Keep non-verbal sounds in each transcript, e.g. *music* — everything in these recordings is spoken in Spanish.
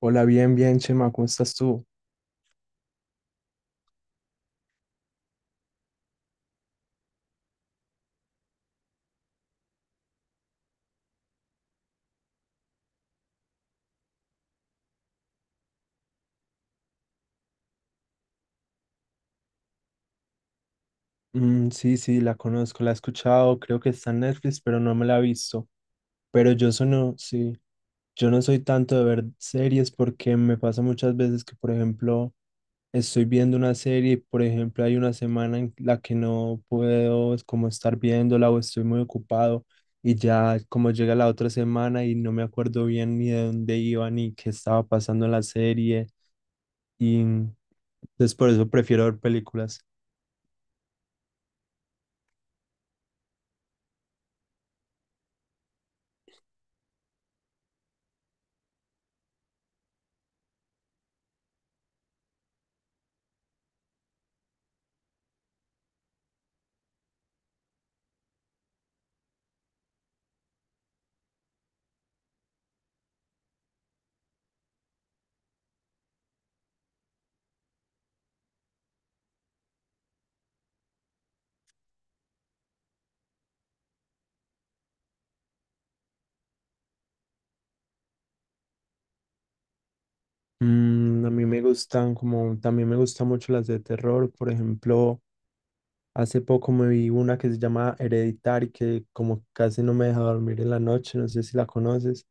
Hola, bien, bien, Chema, ¿cómo estás tú? Mm, sí, sí, la conozco, la he escuchado, creo que está en Netflix, pero no me la he visto. Pero yo sono, sí, yo no soy tanto de ver series porque me pasa muchas veces que, por ejemplo, estoy viendo una serie y, por ejemplo, hay una semana en la que no puedo es como estar viéndola o estoy muy ocupado y ya como llega la otra semana y no me acuerdo bien ni de dónde iba ni qué estaba pasando en la serie y mm, entonces por eso prefiero ver películas. Mm, a mí me gustan como, también me gustan mucho las de terror. Por ejemplo, hace poco me vi una que se llama Hereditary, que como casi no me deja dormir en la noche, no sé si la conoces.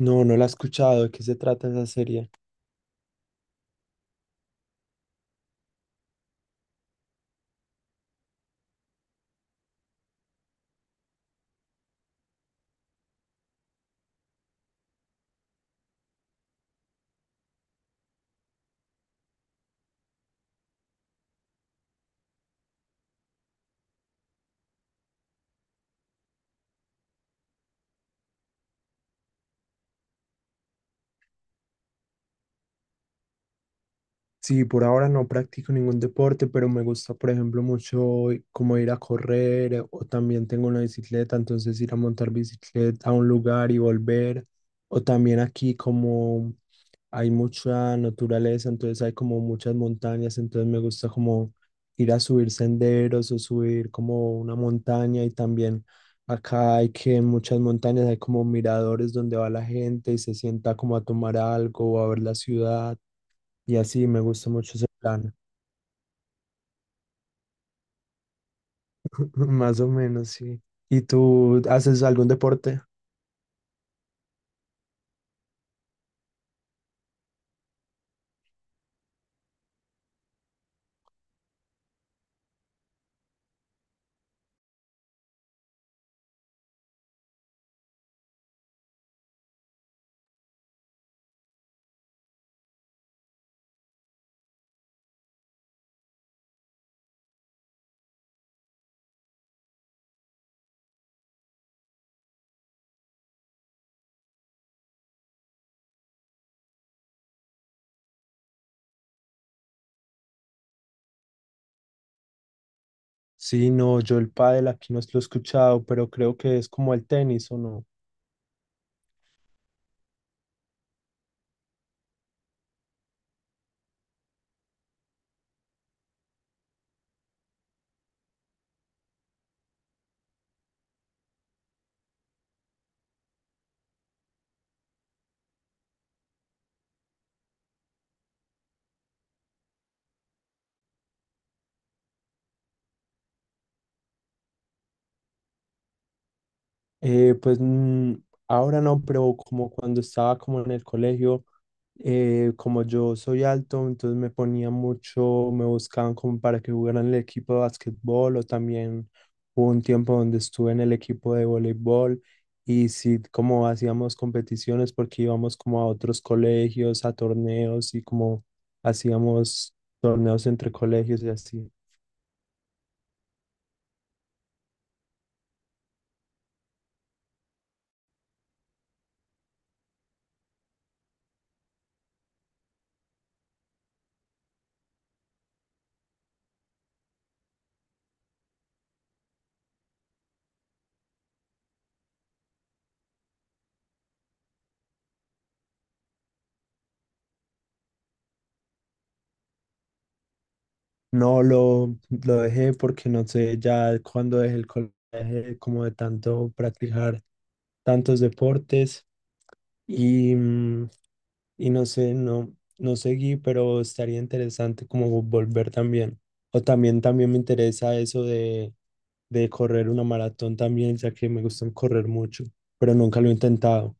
No, no la he escuchado, ¿de qué se trata esa serie? Sí, por ahora no practico ningún deporte, pero me gusta, por ejemplo, mucho como ir a correr o también tengo una bicicleta, entonces ir a montar bicicleta a un lugar y volver. O también aquí como hay mucha naturaleza, entonces hay como muchas montañas, entonces me gusta como ir a subir senderos o subir como una montaña y también acá hay que en muchas montañas hay como miradores donde va la gente y se sienta como a tomar algo o a ver la ciudad y así me gusta mucho ese plan. *laughs* Más o menos, sí. ¿Y tú haces algún deporte? Sí, no, yo el pádel aquí no lo he escuchado, pero creo que es como el tenis, ¿o no? Eh, pues mm, ahora no, pero como cuando estaba como en el colegio, como yo soy alto, entonces me ponía mucho, me buscaban como para que jugara en el equipo de básquetbol o también hubo un tiempo donde estuve en el equipo de voleibol y sí, como hacíamos competiciones porque íbamos como a otros colegios, a torneos y como hacíamos torneos entre colegios y así. No, lo dejé porque no sé, ya cuando dejé el colegio, dejé como de tanto practicar tantos deportes y, mm, y no sé, no, no seguí, pero estaría interesante como volver también. O también, también me interesa eso de correr una maratón también, ya que me gusta correr mucho, pero nunca lo he intentado.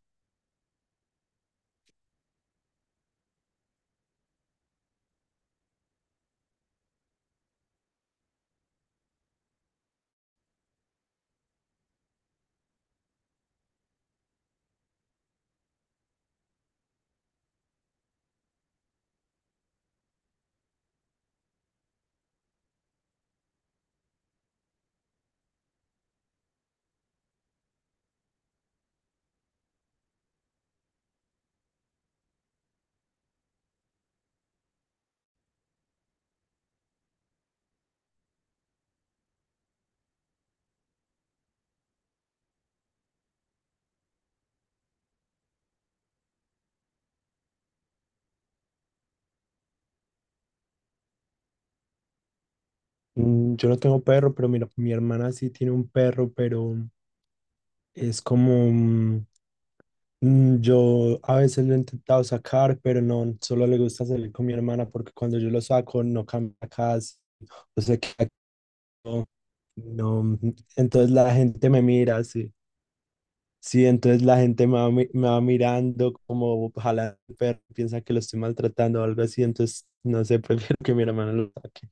Mm. Yo no tengo perro, pero mira, mi hermana sí tiene un perro, pero es como... Yo a veces lo he intentado sacar, pero no, solo le gusta salir con mi hermana porque cuando yo lo saco no cambia casi, o sea, que no, no, entonces la gente me mira, sí, sí, entonces la gente me va, me va mirando como ojalá el perro piensa que lo estoy maltratando o algo así, entonces no sé, *laughs* prefiero que mi hermana lo saque.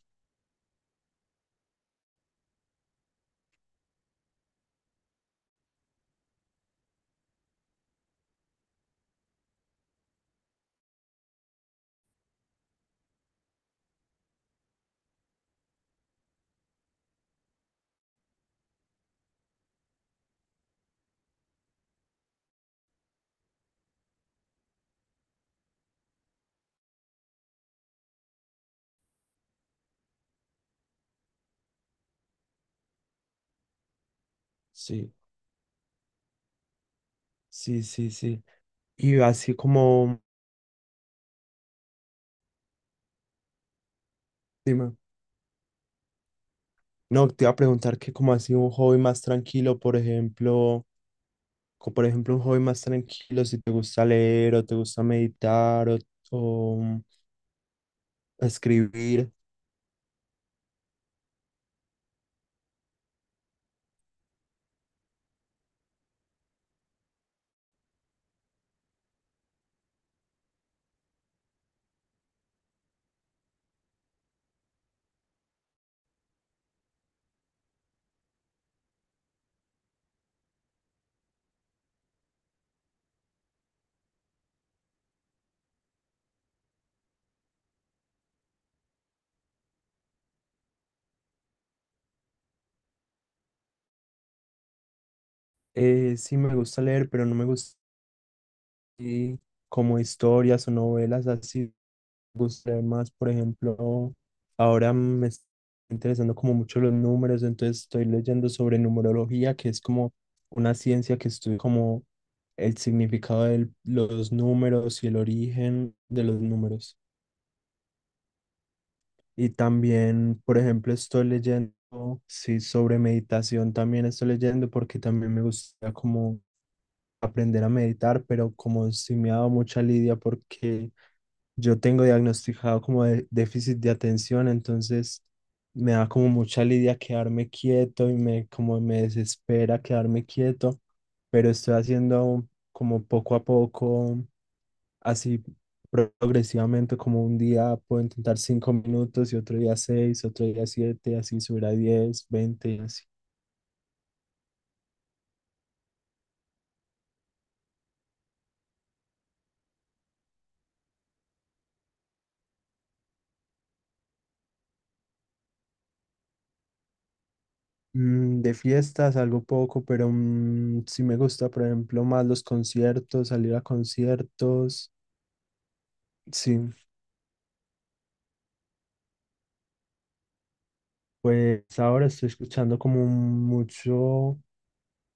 Sí, sí, sí, sí. Y así como, dime, no, te iba a preguntar que como así un hobby más tranquilo, por ejemplo. Como por ejemplo un hobby más tranquilo, si te gusta leer o te gusta meditar o mm, escribir. Sí me gusta leer, pero no me gusta así como historias o novelas así. Me gusta leer más, por ejemplo, ahora me está interesando como mucho los números, entonces estoy leyendo sobre numerología, que es como una ciencia que estudia como el significado de los números y el origen de los números. Y también, por ejemplo, estoy leyendo, sí, sobre meditación también estoy leyendo porque también me gusta como aprender a meditar, pero como sí me ha dado mucha lidia porque yo tengo diagnosticado como déficit de atención, entonces me da como mucha lidia quedarme quieto y me como me desespera quedarme quieto, pero estoy haciendo como poco a poco así progresivamente, como un día puedo intentar 5 minutos y otro día seis, otro día siete, así subir a 10, 20 y así. De fiestas, algo poco, pero sí me gusta, por ejemplo, más los conciertos, salir a conciertos. Sí, pues ahora estoy escuchando como mucho.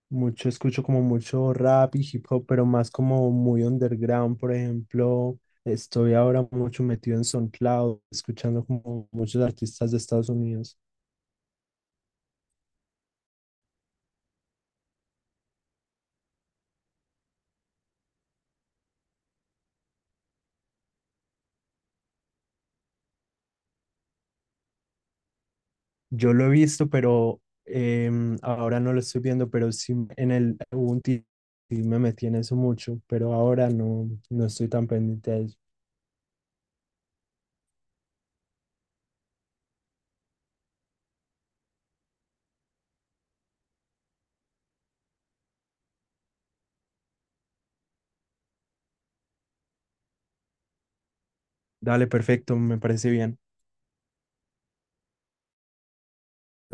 Mucho, escucho como mucho rap y hip hop, pero más como muy underground. Por ejemplo, estoy ahora mucho metido en SoundCloud, escuchando como muchos artistas de Estados Unidos. Yo lo he visto, pero ahora no lo estoy viendo, pero sí en el, hubo un tiempo y me metí en eso mucho, pero ahora no, no estoy tan pendiente a eso. Dale, perfecto, me parece bien.